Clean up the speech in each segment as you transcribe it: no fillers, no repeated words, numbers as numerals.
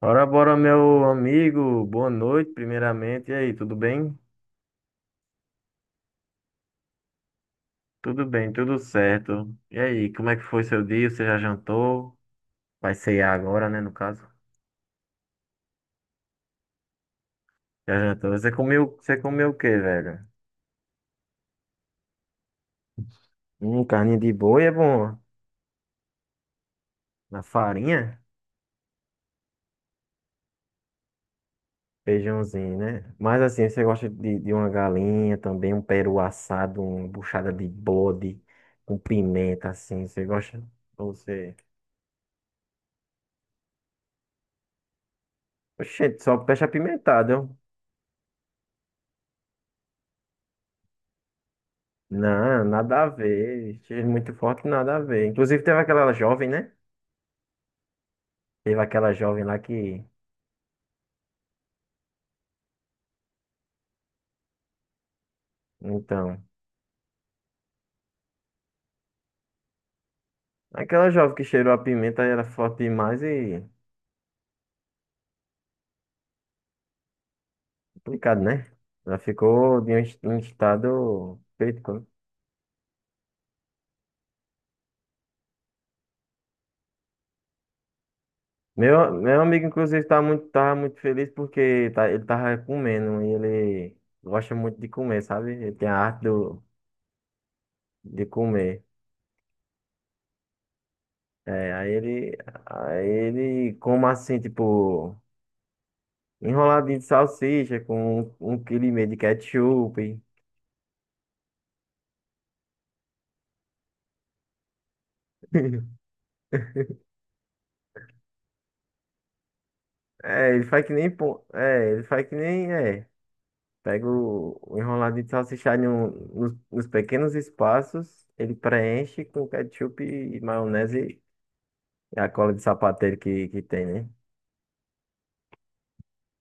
Ora, bora, meu amigo. Boa noite, primeiramente. E aí, tudo bem? Tudo bem, tudo certo. E aí, como é que foi seu dia? Você já jantou? Vai ceiar agora, né, no caso? Já jantou. Você comeu o quê, velho? Carninha de boi é bom. Na farinha? Feijãozinho, né? Mas assim, você gosta de uma galinha também, um peru assado, uma buchada de bode, com pimenta, assim, você gosta? Ou Você... Oxente, só peixe apimentado, ó. Não, nada a ver. Cheiro muito forte, nada a ver. Inclusive teve aquela jovem, né? Teve aquela jovem lá que. Então. Aquela jovem que cheirou a pimenta era forte demais e. Complicado, né? Ela ficou de um estado crítico, né? Meu amigo, inclusive, tava muito feliz porque ele tava comendo e ele gosta muito de comer, sabe? Ele tem a arte de comer. É, aí ele. Aí ele, como assim, tipo. Enroladinho de salsicha com um quilo e meio de ketchup. É, ele faz que nem. Pão- É, ele faz que nem. É. Pega o enroladinho de salsicha no, nos, nos pequenos espaços, ele preenche com ketchup e maionese e a cola de sapateiro que tem, né?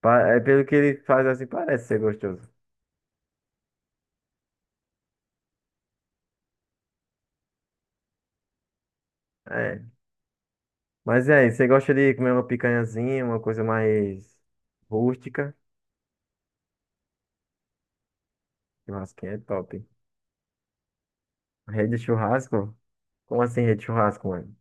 É, pelo que ele faz assim, parece ser gostoso. É. Mas é, você gosta de comer uma picanhazinha, uma coisa mais rústica? Churrasquinho é top. Rede de churrasco? Como assim rede de churrasco, mano?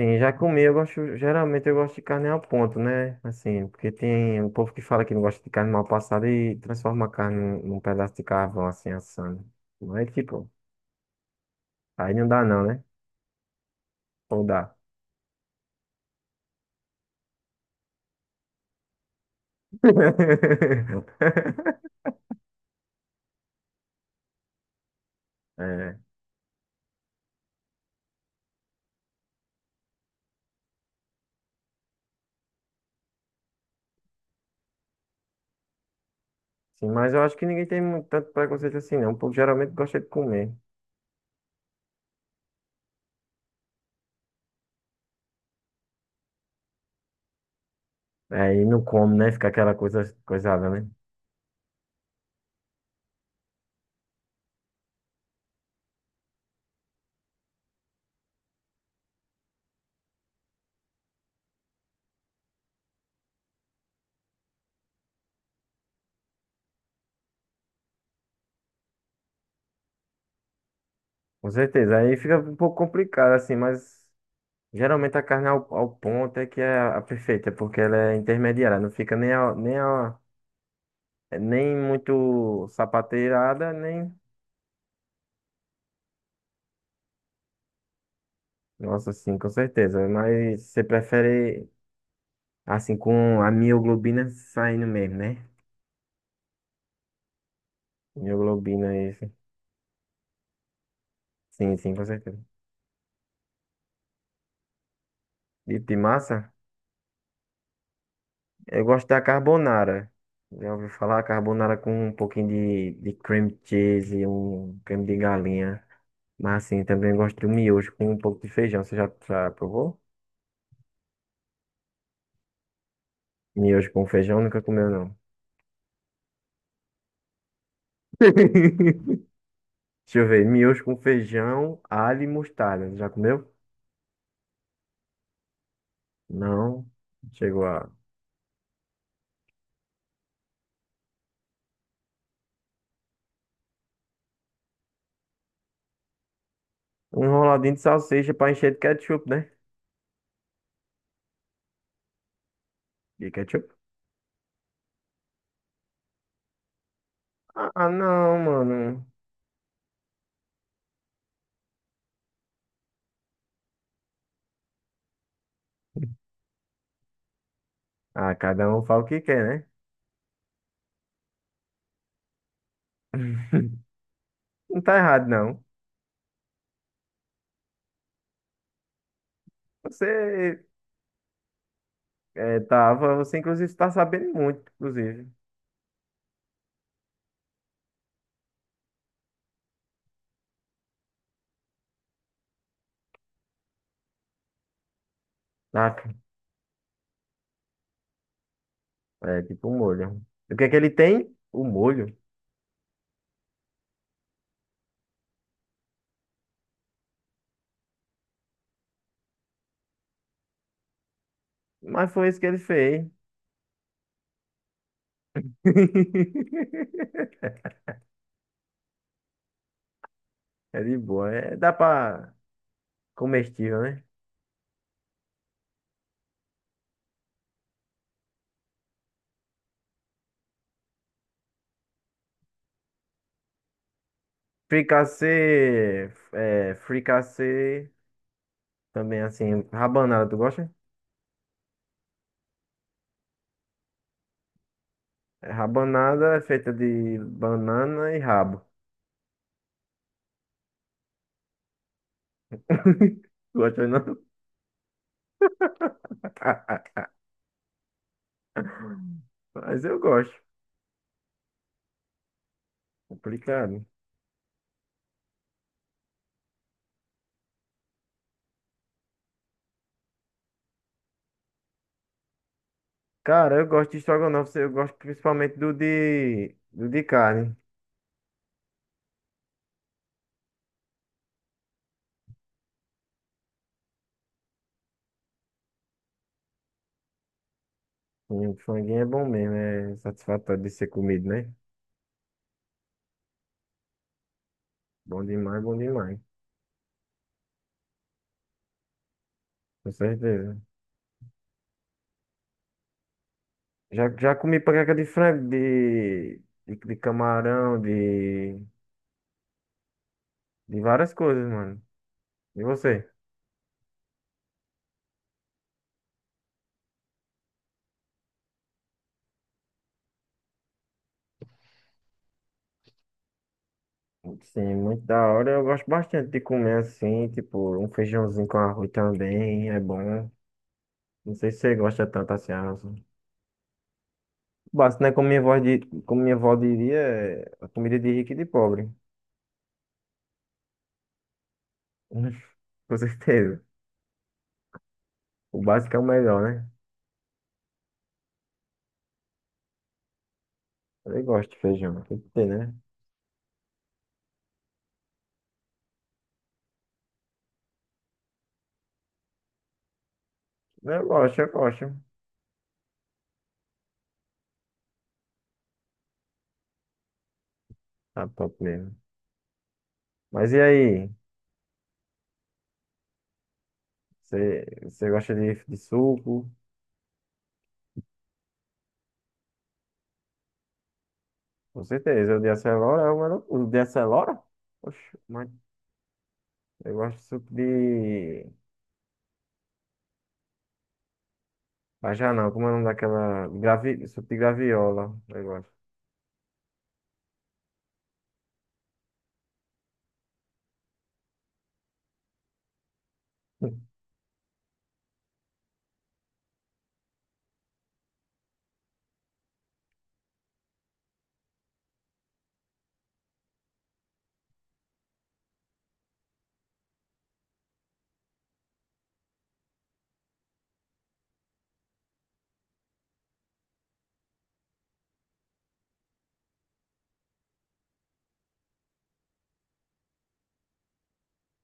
Sim, já comi, eu gosto, geralmente eu gosto de carne ao ponto, né? Assim, porque tem um povo que fala que não gosta de carne mal passada e transforma a carne num pedaço de carvão, assim, assando. Não é tipo, aí não dá não, né? Ou dá. É, sim, mas eu acho que ninguém tem muito, tanto preconceito assim, não. O povo geralmente gosta de comer. Aí não come, né? Fica aquela coisa, coisada, né? Com certeza. Aí fica um pouco complicado, assim, mas geralmente a carne é ao ponto é que é a perfeita, é porque ela é intermediária, não fica nem, nem, nem muito sapateirada, nem. Nossa, sim, com certeza. Mas você prefere assim com a mioglobina saindo mesmo, né? Mioglobina, isso. Sim, sim, com certeza. E de massa, eu gosto da carbonara. Já ouviu falar carbonara com um pouquinho de cream cheese e um creme de galinha. Mas assim, também gosto do miojo com um pouco de feijão. Você já provou? Miojo com feijão nunca comeu, não. Deixa eu ver. Miojo com feijão, alho e mostarda. Já comeu? Não. Chegou a. Um enroladinho de salsicha pra encher de ketchup, né? De ketchup? Ah, ah, não, mano. Ah, cada um fala o que quer, né? Não tá errado, não. Você é, tava, você inclusive tá sabendo muito, inclusive. Tá? É tipo um molho. O que é que ele tem? O molho. Mas foi isso que ele fez. É de boa. É, dá pra comestível, né? Fricassê, é, fricassê, também assim, rabanada, tu gosta? É, rabanada é feita de banana e rabo. Gosta não? Mas eu gosto. Complicado. Cara, eu gosto de estrogonofe, eu gosto principalmente do de carne. E o franguinho é bom mesmo, é satisfatório de ser comido, né? Bom demais, bom demais. Com certeza. Já comi panqueca de frango, de camarão, de várias coisas, mano. E você? Sim, muito da hora. Eu gosto bastante de comer assim, tipo, um feijãozinho com arroz também, é bom. Não sei se você gosta tanto assim, arroz. Basta, né? Como minha avó diria, é a comida de rico e de pobre. Com certeza. O básico é o melhor, né? Eu gosto de feijão, tem que ter, né? Eu gosto, eu gosto. Tá top mesmo. Mas e aí? Você gosta de suco? Com certeza. O de acelora é o melhor. O de acelora? Oxe, mas eu gosto de suco de. Bajá não, como é o nome daquela. Suco de graviola. Eu gosto.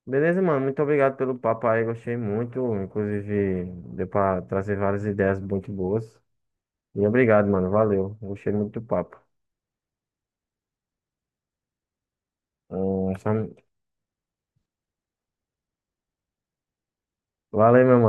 Beleza, mano. Muito obrigado pelo papo aí. Gostei muito. Inclusive, deu pra trazer várias ideias muito boas. E obrigado, mano. Valeu. Gostei muito do papo. Hum, só- Valeu, meu mano.